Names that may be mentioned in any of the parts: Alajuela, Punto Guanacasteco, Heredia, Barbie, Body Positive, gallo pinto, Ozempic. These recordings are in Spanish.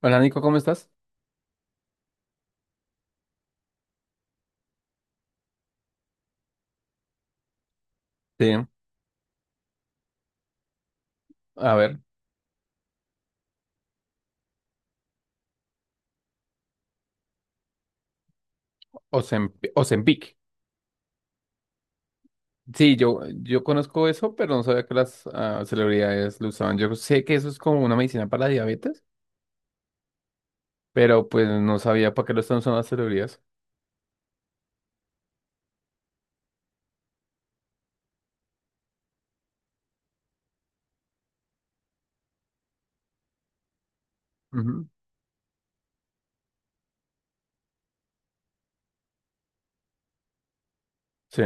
Hola Nico, ¿cómo estás? Sí, a ver, Ozempic. Sí, yo conozco eso, pero no sabía que las celebridades lo usaban. Yo sé que eso es como una medicina para la diabetes, pero pues no sabía para qué lo están usando las celebridades. Ujú. Sí,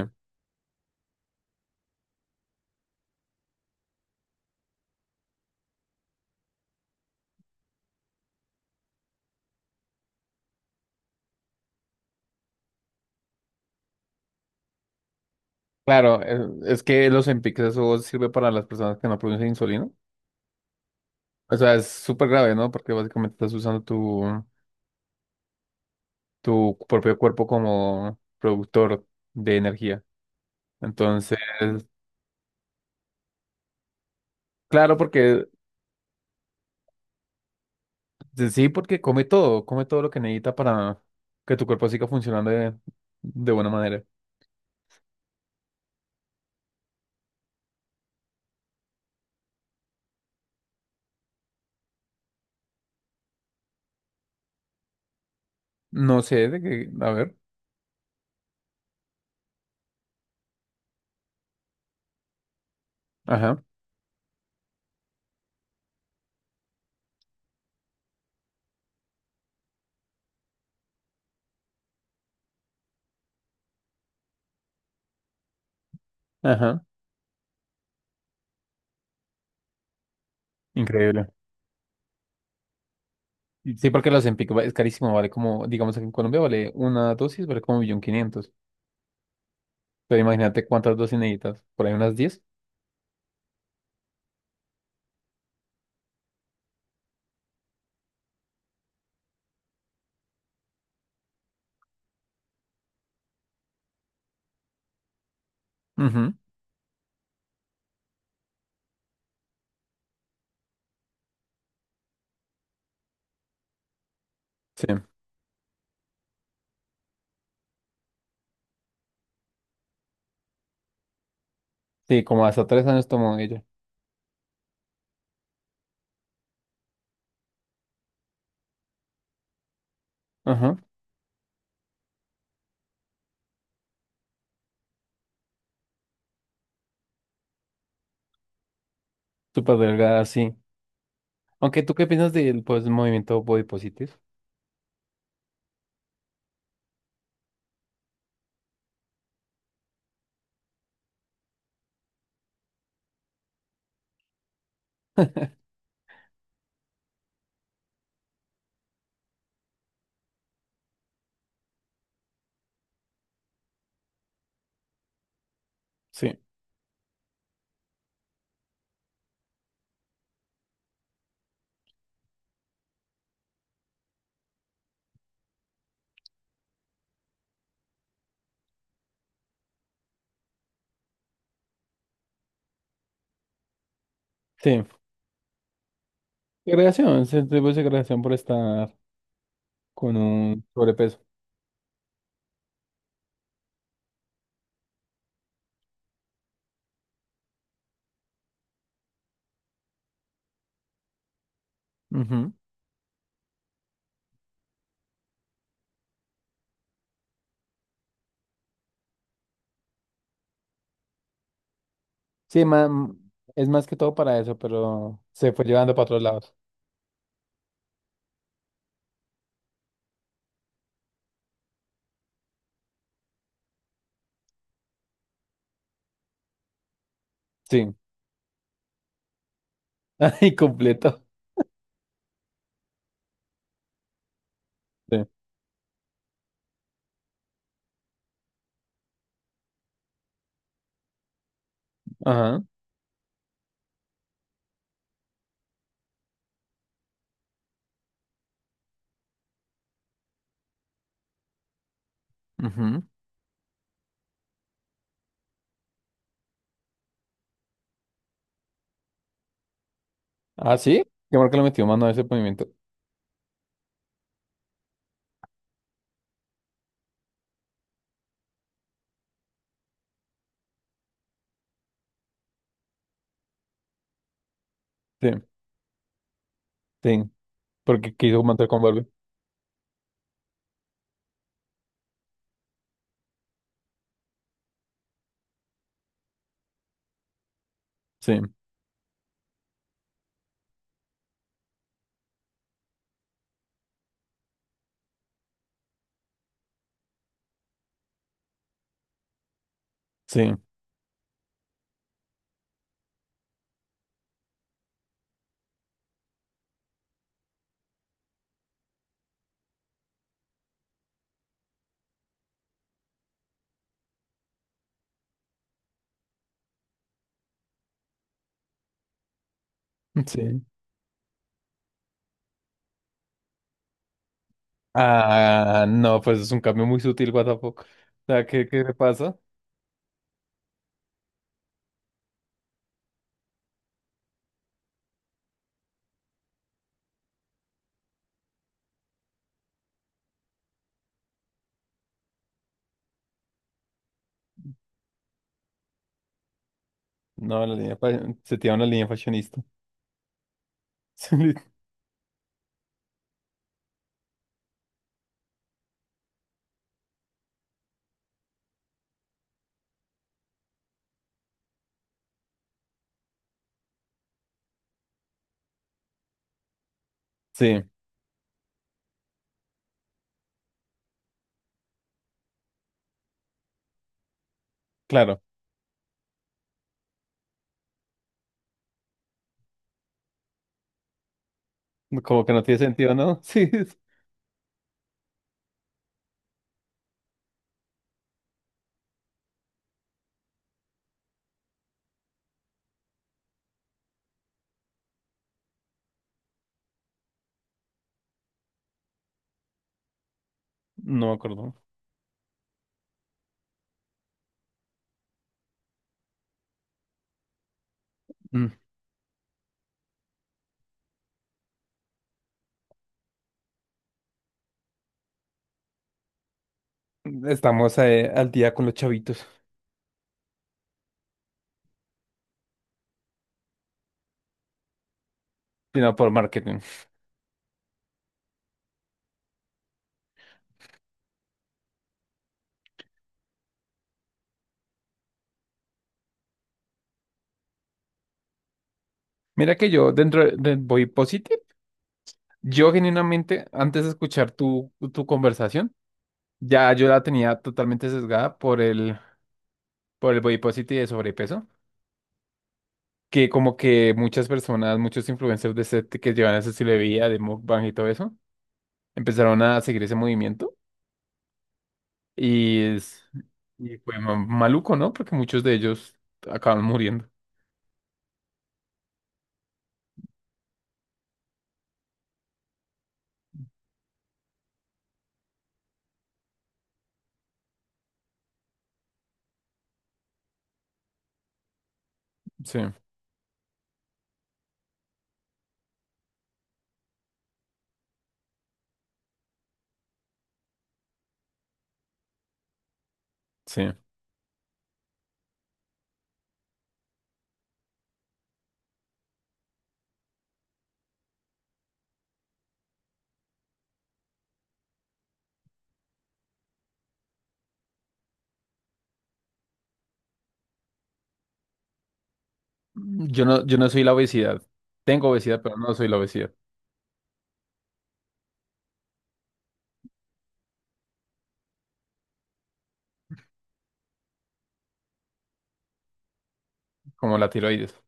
claro, es que los Ozempic eso sirve para las personas que no producen insulina. O sea, es súper grave, ¿no? Porque básicamente estás usando tu propio cuerpo como productor de energía. Entonces, claro, porque sí, sí, porque come todo lo que necesita para que tu cuerpo siga funcionando de buena manera. No sé, de que, a ver, ajá, ajá, increíble. Y sí, porque la Ozempic es carísimo, vale como, digamos aquí en Colombia vale una dosis, vale como 1.500.000. Pero imagínate cuántas dosis necesitas, por ahí unas diez. Ujú. Sí, sí, como hasta 3 años tomó ella. Ajá, súper delgada, sí. Aunque, ¿tú qué piensas del, pues, movimiento body positive? Sí, sí. Segregación, se tuvo segregación por estar con un sobrepeso. Ujú. Sí, es más que todo para eso, pero se fue llevando para otros lados. Sí. Ay, completo. Sí. Ajá. Ujú. Ah, sí. ¿Qué marca le metió mano a ese movimiento? Sí, sí. Porque quiso mantener con Barbie. Sí, sí, sí. Ah, no, pues es un cambio muy sutil, what the fuck. O sea, ¿qué le pasa? No, la línea se tira una línea fashionista. Sí, claro. Como que no tiene sentido, ¿no? Sí, no me acuerdo. Estamos al día con los chavitos, sino por marketing. Mira que yo dentro del Body Positive, yo genuinamente, antes de escuchar tu conversación, ya yo la tenía totalmente sesgada por el, Body Positive de sobrepeso, que como que muchas personas, muchos influencers de ese, que llevan ese estilo de vida, de mukbang y todo eso, empezaron a seguir ese movimiento y, es- y fue maluco, ¿no? Porque muchos de ellos acaban muriendo. Sí, sí. Yo no soy la obesidad. Tengo obesidad, pero no soy la obesidad, como la tiroides.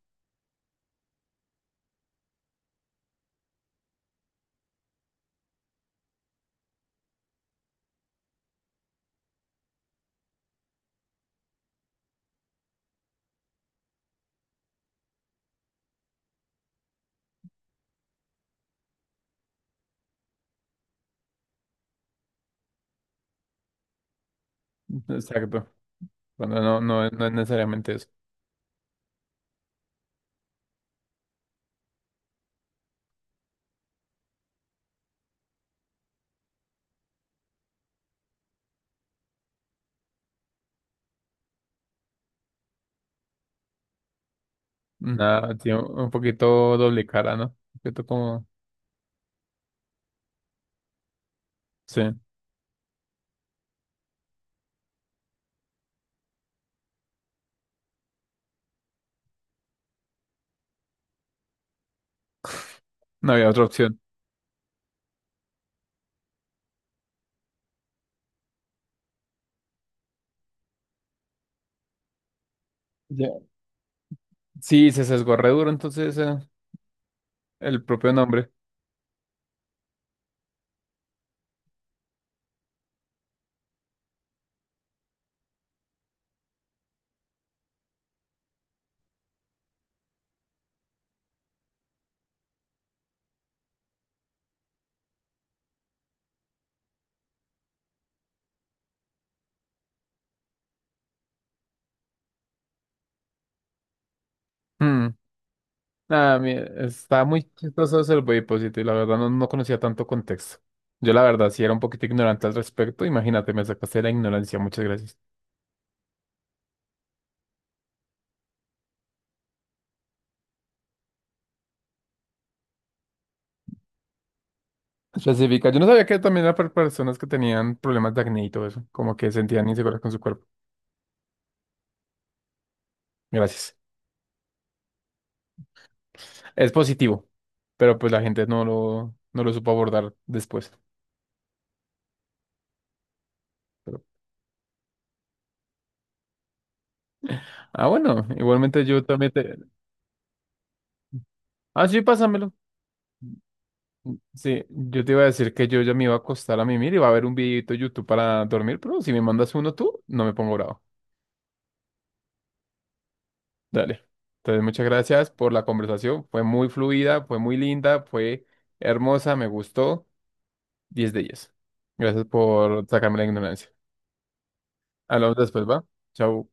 Exacto. Bueno, no, no, no es necesariamente eso. Nada, tiene un poquito doble cara, ¿no? Un poquito como. Sí, no había otra opción. Ya. Sí, se sesgó re duro, entonces el propio nombre. Mm. Nada, está muy chistoso el positivo y la verdad no conocía tanto contexto. Yo la verdad sí era un poquito ignorante al respecto. Imagínate, me sacaste de la ignorancia. Muchas gracias. Específica. Yo no sabía que también era para personas que tenían problemas de acné y todo eso, como que sentían inseguras con su cuerpo. Gracias. Es positivo, pero pues la gente no lo supo abordar después. Pero- Ah, bueno, igualmente yo también te. Ah, sí, pásamelo. Sí, yo te iba a decir que yo ya me iba a acostar a mimir y va a haber un videito de YouTube para dormir, pero si me mandas uno tú, no me pongo bravo. Dale. Entonces, muchas gracias por la conversación. Fue muy fluida, fue muy linda, fue hermosa, me gustó. Diez de 10. Gracias por sacarme la ignorancia. Hablamos después, ¿va? Chau.